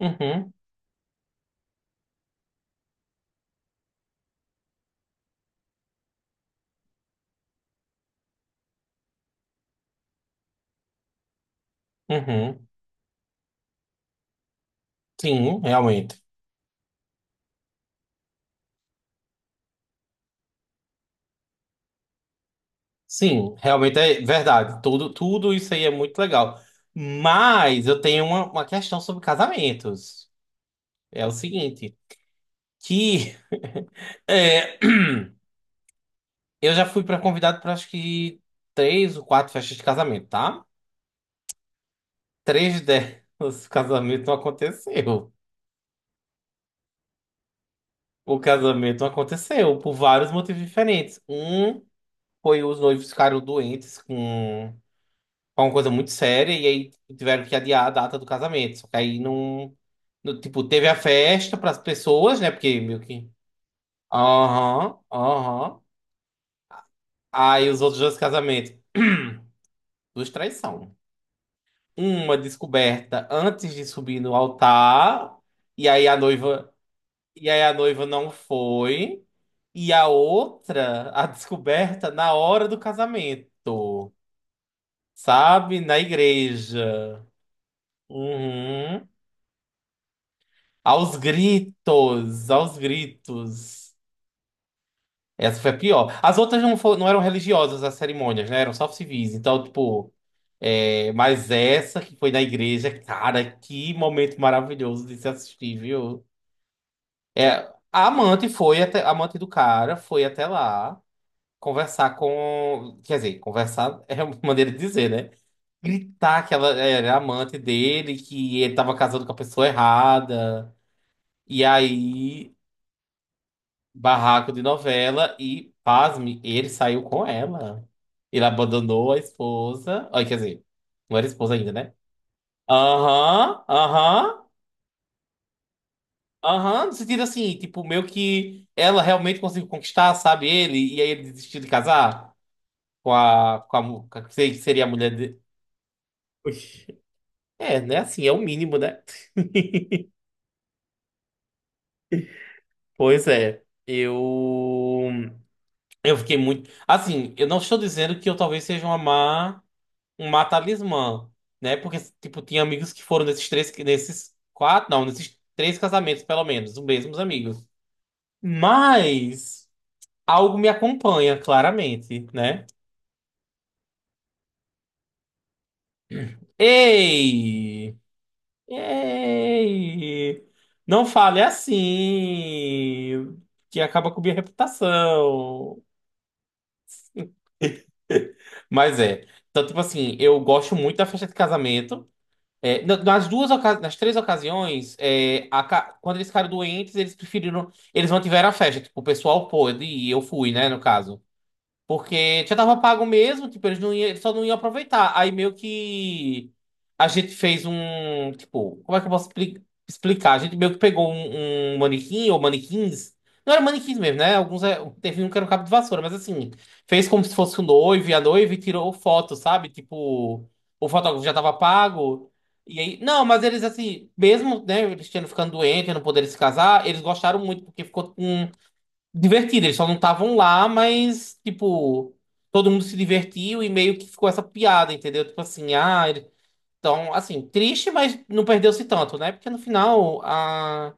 Uhum, uhum. Sim, realmente. Sim, realmente é verdade. Tudo isso aí é muito legal. Mas eu tenho uma questão sobre casamentos. É o seguinte, que é, eu já fui para convidado para acho que três ou quatro festas de casamento, tá? Três delas, o casamento não aconteceu. O casamento não aconteceu por vários motivos diferentes. Um foi os noivos ficaram doentes com foi uma coisa muito séria e aí tiveram que adiar a data do casamento. Só que aí não, tipo, teve a festa para as pessoas, né? Porque meio que aham, aham. Aí os outros dois casamentos, duas traições. Uma descoberta antes de subir no altar, e aí a noiva, e aí a noiva não foi, e a outra, a descoberta na hora do casamento, sabe? Na igreja. Uhum. Aos gritos, aos gritos. Essa foi a pior. As outras não, não eram religiosas, as cerimônias, né? Eram só civis. Então, tipo, é, mas essa que foi na igreja, cara, que momento maravilhoso de se assistir, viu? É, a amante foi até, a amante do cara foi até lá conversar com, quer dizer, conversar é uma maneira de dizer, né? Gritar que ela era amante dele, que ele tava casando com a pessoa errada. E aí. Barraco de novela e, pasme, ele saiu com ela. Ele abandonou a esposa. Ai, quer dizer, não era esposa ainda, né? Aham, aham, aham. No sentido assim, tipo, meio que ela realmente conseguiu conquistar, sabe, ele, e aí ele desistiu de casar com a que que seria a mulher dele. É, né? Assim, é o mínimo, né? Pois é, eu fiquei muito. Assim, eu não estou dizendo que eu talvez seja uma má. Uma talismã, né? Porque, tipo, tinha amigos que foram nesses três, nesses quatro, não, nesses três casamentos, pelo menos, os mesmos amigos. Mas algo me acompanha, claramente, né? Ei! Ei! Não fale assim, que acaba com minha reputação. Mas é. Então, tipo assim, eu gosto muito da festa de casamento. É, nas duas, nas três ocasiões, é, quando eles ficaram doentes, eles preferiram, eles mantiveram a festa. Tipo, o pessoal pôde e eu fui, né, no caso. Porque já tava pago mesmo, tipo, eles não iam, eles só não iam aproveitar. Aí meio que a gente fez um, tipo, como é que eu posso explicar? A gente meio que pegou um, um manequim ou manequins. Não era manequins mesmo, né? Alguns teve um que era um cabo de vassoura, mas assim, fez como se fosse o noivo e a noiva e tirou foto, sabe? Tipo, o fotógrafo já tava pago. E aí, não, mas eles assim, mesmo, né, eles tendo ficando doentes, não poderem se casar, eles gostaram muito porque ficou com divertida. Eles só não estavam lá, mas, tipo, todo mundo se divertiu e meio que ficou essa piada, entendeu? Tipo assim, ah, ele... Então, assim, triste, mas não perdeu-se tanto, né? Porque no final, a...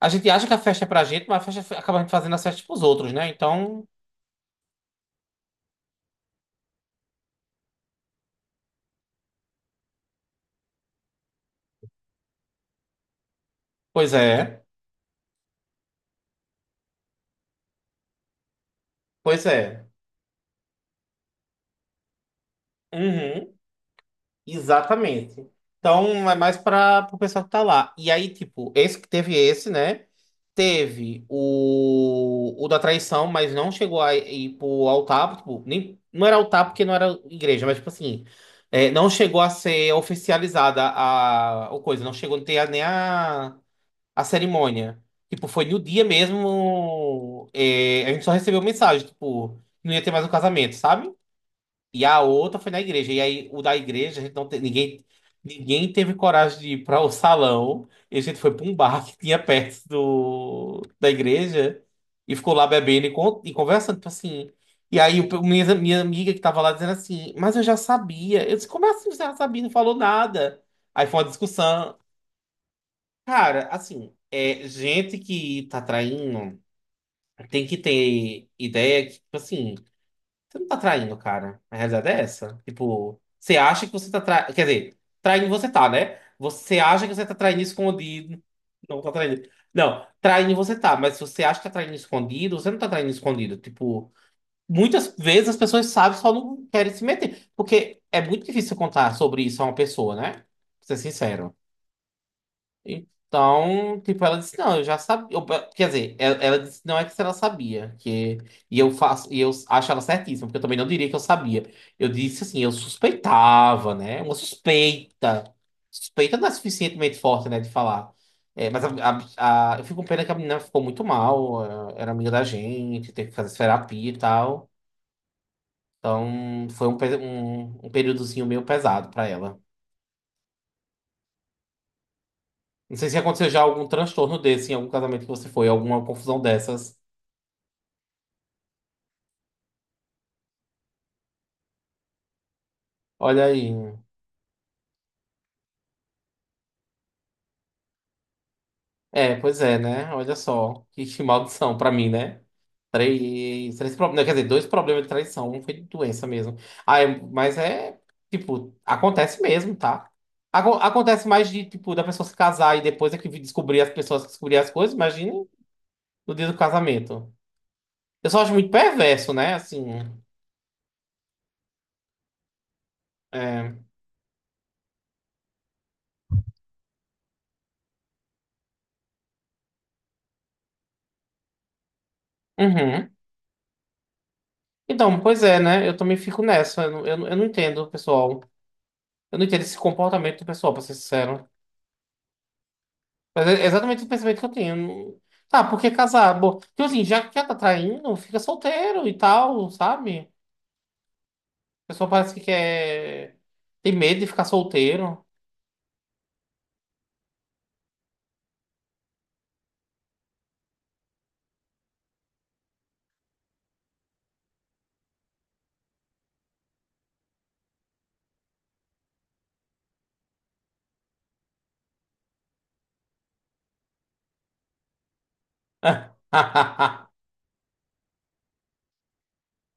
A gente acha que a festa é pra gente, mas a festa acaba fazendo a festa pros outros, né? Então, pois é, pois é. Uhum. Exatamente. Então é mais para o pessoal que tá lá. E aí, tipo, esse que teve esse, né? Teve o da traição, mas não chegou a ir pro altar. Tipo, nem, não era altar porque não era igreja, mas tipo assim, é, não chegou a ser oficializada a coisa, não chegou a ter nem a, a cerimônia. Tipo, foi no dia mesmo. É, a gente só recebeu mensagem, tipo, não ia ter mais um casamento, sabe? E a outra foi na igreja. E aí, o da igreja, a gente não ninguém, ninguém teve coragem de ir para o salão. E a gente foi para um bar que tinha perto do, da igreja e ficou lá bebendo e, e conversando, tipo assim. E aí, minha, minha amiga que estava lá dizendo assim, mas eu já sabia. Eu disse, como é assim você já sabia? Não falou nada. Aí foi uma discussão. Cara, assim, é, gente que tá traindo tem que ter ideia que, tipo assim. Você não tá traindo, cara. A realidade é essa. Tipo, você acha que você tá traindo. Quer dizer, traindo você tá, né? Você acha que você tá traindo escondido. Não tá traindo. Não, traindo você tá, mas se você acha que tá traindo escondido, você não tá traindo escondido. Tipo, muitas vezes as pessoas sabem, só não querem se meter. Porque é muito difícil contar sobre isso a uma pessoa, né? Pra ser sincero. Então, tipo, ela disse, não, eu já sabia. Quer dizer, ela disse, não é que se ela sabia, que e eu faço, e eu acho ela certíssima, porque eu também não diria que eu sabia. Eu disse assim, eu suspeitava, né? Uma suspeita. Suspeita não é suficientemente forte, né, de falar. É, mas eu fico com pena que a menina ficou muito mal, era amiga da gente, teve que fazer terapia e tal. Então, foi um, um, um períodozinho meio pesado pra ela. Não sei se aconteceu já algum transtorno desse em algum casamento que você foi, alguma confusão dessas. Olha aí. É, pois é, né? Olha só. Que que maldição pra mim, né? Três problemas. Quer dizer, dois problemas de traição. Um foi de doença mesmo. Ah, mas é, tipo, acontece mesmo, tá? Acontece mais de, tipo, da pessoa se casar e depois é que descobrir as pessoas que descobrir as coisas. Imagine no dia do casamento. Eu só acho muito perverso, né? Assim. É. Uhum. Então, pois é, né? Eu também fico nessa. Eu não entendo, pessoal. Eu não entendo esse comportamento do pessoal, pra ser sincero. Mas é exatamente o pensamento que eu tenho. Tá, por que casar? Bom, então assim, já que já tá traindo, fica solteiro e tal, sabe? A pessoa parece que quer. Tem medo de ficar solteiro.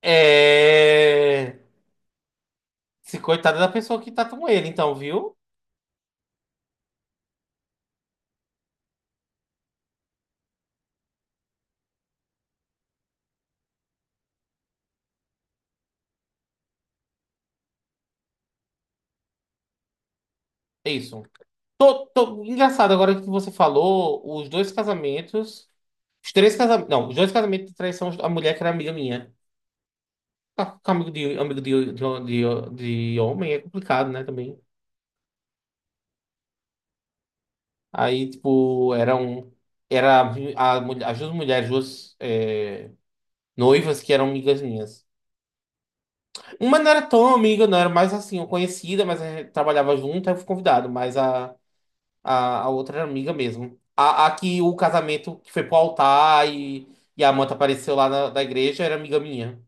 É. Se coitada da pessoa que tá com ele, então, viu? É isso. Engraçado, agora que você falou, os dois casamentos. Os três casamentos. Não, os dois casamentos de traição, a mulher que era amiga minha. Tá. Com amigo de homem é complicado, né, também. Aí, tipo, eram. Era as duas mulheres, duas é, noivas que eram amigas minhas. Uma não era tão amiga, não era mais assim, conhecida, mas a gente trabalhava junto, aí eu fui convidado, mas a outra era amiga mesmo. A que o casamento que foi pro altar e a manta apareceu lá na, da igreja era amiga minha.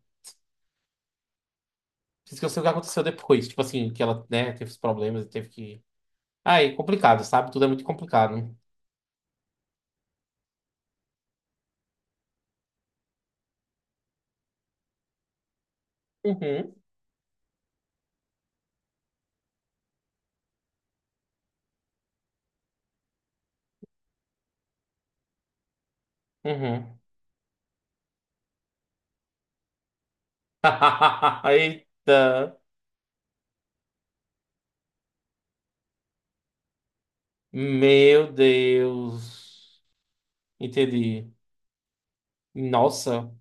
Por isso que eu sei o que aconteceu depois. Tipo assim, que ela, né, teve os problemas e teve que. Ai, complicado, sabe? Tudo é muito complicado. Uhum, uhum. Eita. Meu Deus. Entendi. Nossa.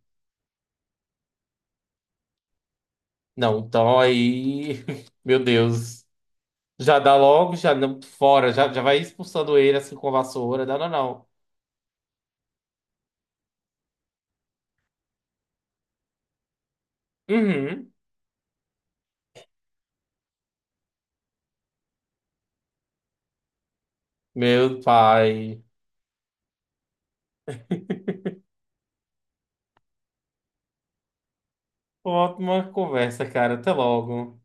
Não, então aí. Meu Deus. Já dá logo, já não, fora, já, já vai expulsando ele assim com a vassoura. Não, não, não. Uhum. Meu pai. Ótima conversa, cara. Até logo.